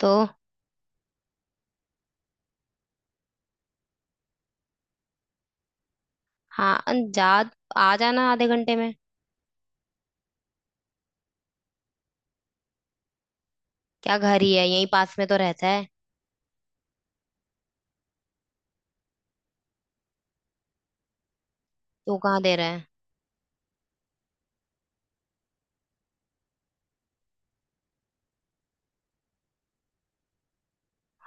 तो हाँ जा। आ जाना आधे घंटे में। क्या घर ही है? यहीं पास में तो रहता है। तू कहाँ दे रहा है?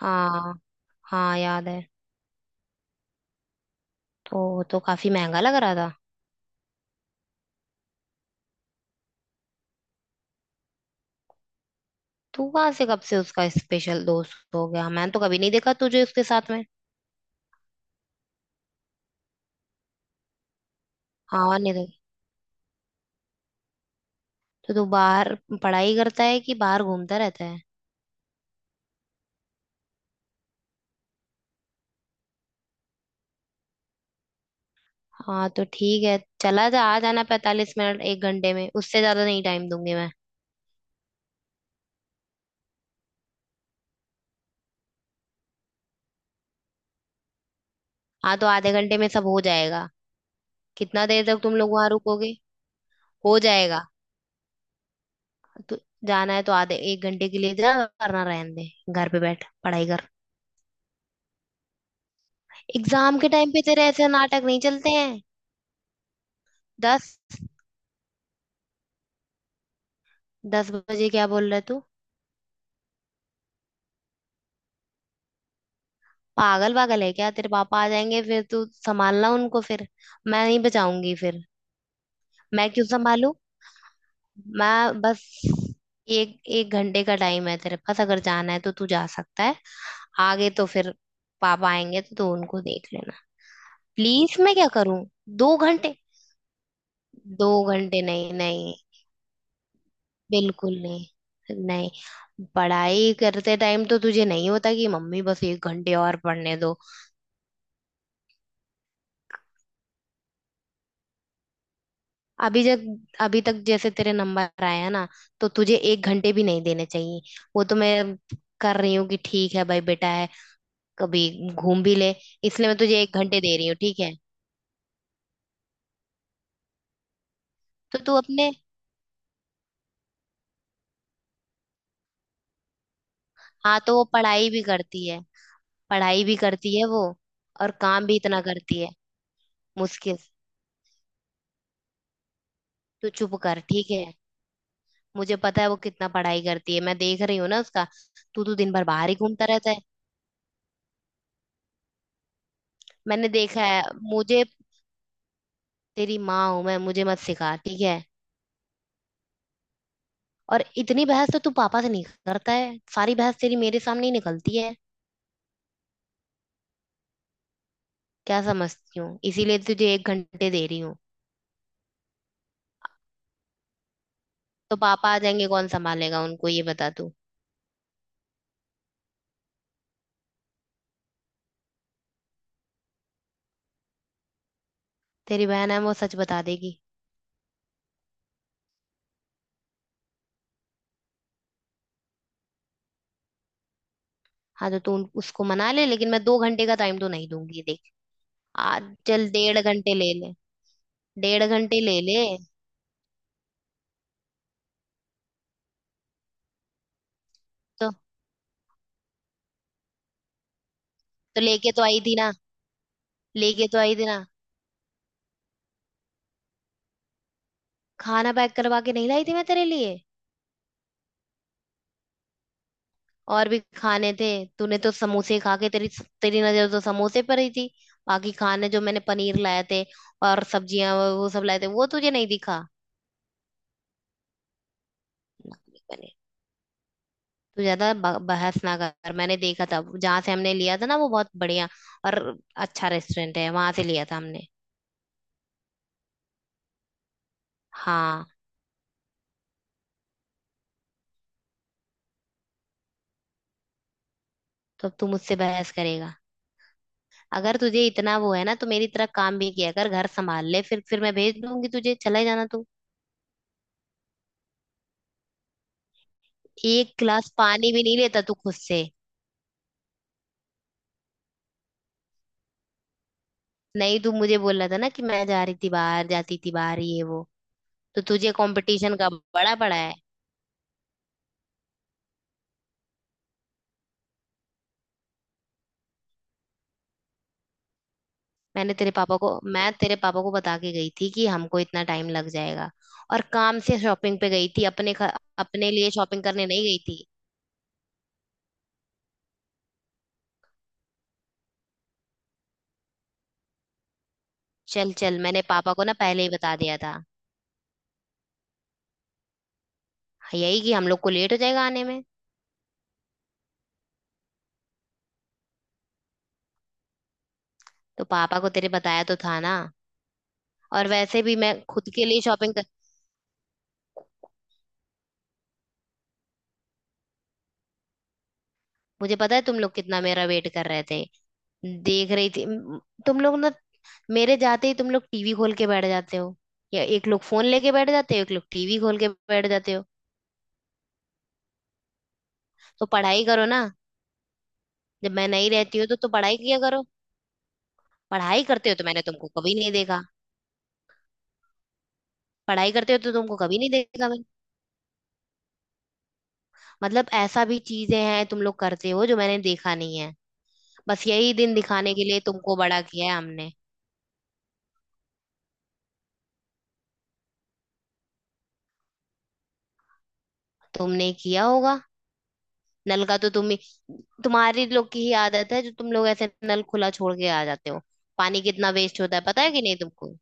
हाँ, हाँ याद है। तो वो तो काफी महंगा लग रहा था। तू कहाँ से, कब से उसका स्पेशल दोस्त हो गया? मैंने तो कभी नहीं देखा तुझे उसके साथ में। हाँ, नहीं तो तो तू बाहर पढ़ाई करता है कि बाहर घूमता रहता है? हाँ तो ठीक है, चला जा। आ जाना 45 मिनट एक घंटे में, उससे ज्यादा नहीं टाइम दूंगी मैं। हाँ तो आधे घंटे में सब हो जाएगा। कितना देर तक तुम लोग वहां रुकोगे? हो जाएगा। तो जाना है तो आधे एक घंटे के लिए जा, वरना रहने दे, घर पे बैठ पढ़ाई कर। एग्जाम के टाइम पे तेरे ऐसे नाटक नहीं चलते हैं। 10? 10 बजे क्या बोल रहे तू? पागल पागल है क्या? तेरे पापा आ जाएंगे फिर, तू संभालना उनको फिर। मैं नहीं बचाऊंगी फिर। मैं क्यों संभालू? मैं बस, एक एक घंटे का टाइम है तेरे पास, अगर जाना है तो तू जा सकता है। आगे तो फिर पापा आएंगे तो तू उनको देख लेना। प्लीज मैं क्या करूं? दो घंटे, दो घंटे नहीं, नहीं। बिल्कुल नहीं। नहीं। पढ़ाई करते टाइम तो तुझे नहीं होता कि मम्मी बस एक घंटे और पढ़ने दो। अभी जब अभी तक जैसे तेरे नंबर आया ना, तो तुझे एक घंटे भी नहीं देने चाहिए। वो तो मैं कर रही हूँ कि ठीक है भाई, बेटा है, कभी घूम भी ले। इसलिए मैं तुझे एक घंटे दे रही हूँ, ठीक है। तो तू अपने, हाँ तो वो पढ़ाई भी करती है। पढ़ाई भी करती है वो, और काम भी इतना करती है। मुश्किल, तू चुप कर, ठीक है। मुझे पता है वो कितना पढ़ाई करती है, मैं देख रही हूँ ना उसका। तू तो दिन भर बाहर ही घूमता रहता है। मैंने देखा है। मुझे, तेरी माँ हूं मैं, मुझे मत सिखा, ठीक है। और इतनी बहस तो तू पापा से नहीं करता है, सारी बहस तेरी मेरे सामने ही निकलती है। क्या समझती हूँ, इसीलिए तुझे एक घंटे दे रही हूँ। तो पापा आ जाएंगे, कौन संभालेगा उनको, ये बता तू। तेरी बहन है वो, सच बता देगी। हाँ तो तू उसको मना ले, लेकिन मैं दो घंटे का टाइम तो नहीं दूंगी, देख। आज चल 1.5 घंटे ले ले। 1.5 घंटे ले ले। तो तो लेके तो आई थी ना। लेके तो आई थी ना। खाना पैक करवा के नहीं लाई थी मैं तेरे लिए? और भी खाने थे। तूने तो समोसे खा के, तेरी, तेरी नजर तो समोसे पर ही थी। बाकी खाने जो मैंने पनीर लाए थे और सब्जियां, वो सब लाए थे, वो तुझे नहीं दिखा? ना, नहीं बने। तू ज्यादा बहस ना कर, मैंने देखा था जहां से हमने लिया था ना, वो बहुत बढ़िया और अच्छा रेस्टोरेंट है, वहां से लिया था हमने। हाँ। तो अब तू मुझसे बहस करेगा? अगर तुझे इतना वो है ना तो मेरी तरह काम भी किया कर, घर संभाल ले, फिर मैं भेज दूंगी तुझे, चले जाना तू। एक गिलास पानी भी नहीं लेता तू खुद से। नहीं, तू मुझे बोल रहा था ना कि मैं जा रही थी बाहर, जाती थी बाहर ये वो, तो तुझे कंपटीशन का बड़ा पड़ा है। मैंने तेरे पापा को, मैं तेरे पापा को बता के गई थी कि हमको इतना टाइम लग जाएगा। और काम से शॉपिंग पे गई थी, अपने अपने लिए शॉपिंग करने नहीं गई थी। चल चल, मैंने पापा को ना पहले ही बता दिया था, यही कि हम लोग को लेट हो जाएगा आने में। तो पापा को तेरे बताया तो था ना, और वैसे भी मैं खुद के लिए शॉपिंग कर, मुझे पता है तुम लोग कितना मेरा वेट कर रहे थे। देख रही थी तुम लोग ना, मेरे जाते ही तुम लोग टीवी खोल के बैठ जाते हो, या एक लोग फोन लेके बैठ जाते हो, एक लोग टीवी खोल के बैठ जाते हो। तो पढ़ाई करो ना। जब मैं नहीं रहती हूँ तो, पढ़ाई किया करो। पढ़ाई करते हो तो मैंने तुमको कभी नहीं देखा। पढ़ाई करते हो तो तुमको कभी नहीं देखा मैंने। मतलब ऐसा भी चीजें हैं तुम लोग करते हो जो मैंने देखा नहीं है। बस यही दिन दिखाने के लिए तुमको बड़ा किया है हमने। तुमने किया होगा। नल का तो तुम्हारी लोग की ही आदत है, जो तुम लोग ऐसे नल खुला छोड़ के आ जाते हो। पानी कितना वेस्ट होता है, पता है कि नहीं तुमको?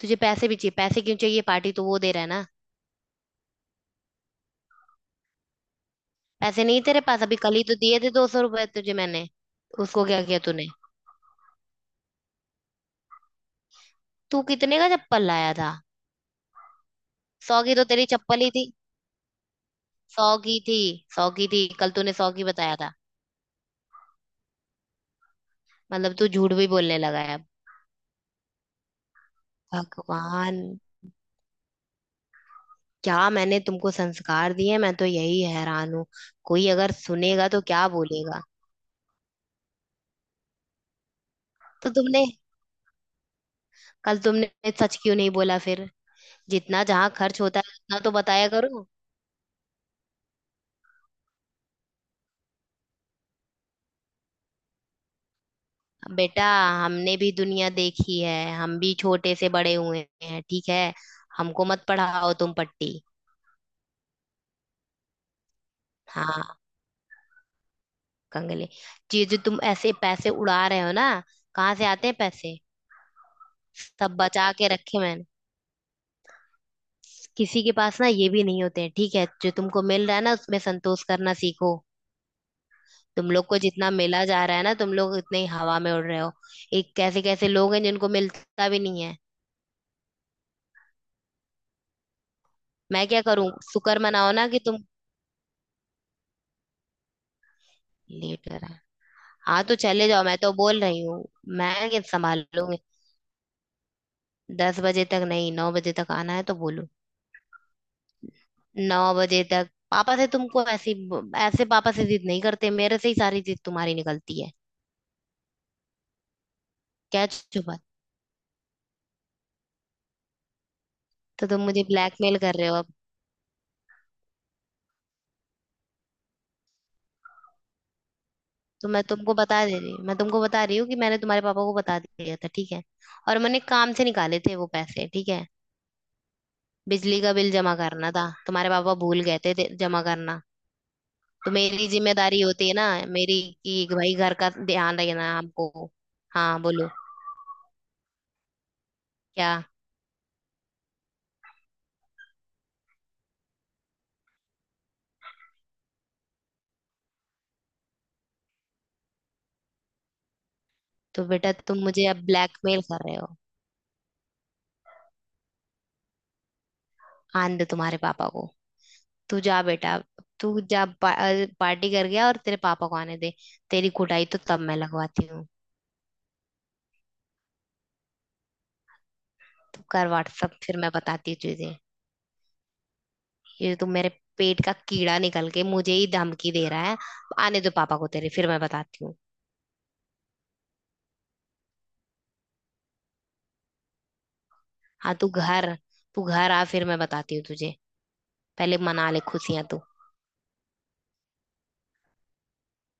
तुझे पैसे भी चाहिए? पैसे क्यों चाहिए? पार्टी तो वो दे रहा है ना। पैसे नहीं तेरे पास? अभी कल ही तो दिए थे 200 रुपए तुझे मैंने, उसको क्या किया तूने? तू कितने का चप्पल लाया था? सौ की तो तेरी चप्पल ही थी। सौ की थी। सौ की थी, कल तूने सौ की बताया था। मतलब तू झूठ भी बोलने लगा है। भगवान, क्या मैंने तुमको संस्कार दिए? मैं तो यही हैरान हूँ, कोई अगर सुनेगा तो क्या बोलेगा। तो तुमने, कल तुमने सच क्यों नहीं बोला फिर? जितना जहाँ खर्च होता है उतना तो बताया करो। बेटा, हमने भी दुनिया देखी है, हम भी छोटे से बड़े हुए हैं, ठीक है। हमको मत पढ़ाओ तुम पट्टी। हाँ कंगले, जी जो तुम ऐसे पैसे उड़ा रहे हो ना, कहाँ से आते हैं पैसे? सब बचा के रखे मैंने। किसी के पास ना ये भी नहीं होते हैं, ठीक है। जो तुमको मिल रहा है ना, उसमें संतोष करना सीखो। तुम लोग को जितना मिला जा रहा है ना, तुम लोग उतने ही हवा में उड़ रहे हो। एक, कैसे कैसे लोग हैं जिनको मिलता भी नहीं है। मैं क्या करूं? शुक्र मनाओ ना कि तुम, लेट कर आए? हाँ तो चले जाओ, मैं तो बोल रही हूँ। मैं क्या संभालूंगी। 10 बजे तक नहीं, 9 बजे तक आना है तो बोलो। 9 बजे तक, पापा से तुमको ऐसी, ऐसे पापा से जिद नहीं करते, मेरे से ही सारी जिद तुम्हारी निकलती है। क्या छुपा? तो तुम मुझे ब्लैकमेल कर रहे हो अब? तो मैं तुमको बता दे रही हूँ, मैं तुमको बता रही हूँ कि मैंने तुम्हारे पापा को बता दिया था, ठीक है। और मैंने काम से निकाले थे वो पैसे, ठीक है। बिजली का बिल जमा करना था, तुम्हारे पापा भूल गए थे जमा करना। तो मेरी जिम्मेदारी होती है ना, मेरी, कि भाई घर का ध्यान रखना है हमको। हाँ बोलो। क्या? तो बेटा, तुम मुझे अब ब्लैकमेल कर रहे हो? आन दे तुम्हारे पापा को। तू जा बेटा। तू जा पार्टी कर गया, और तेरे पापा को आने दे, तेरी कुटाई तो तब मैं लगवाती हूँ। तू कर व्हाट्सअप, फिर मैं बताती हूँ तुझे। ये तो मेरे, पेट का कीड़ा निकल के मुझे ही धमकी दे रहा है। आने दो पापा को तेरे, फिर मैं बताती हूँ। हाँ तू घर, तू घर आ, फिर मैं बताती हूँ तुझे। पहले मना ले खुशियां तू।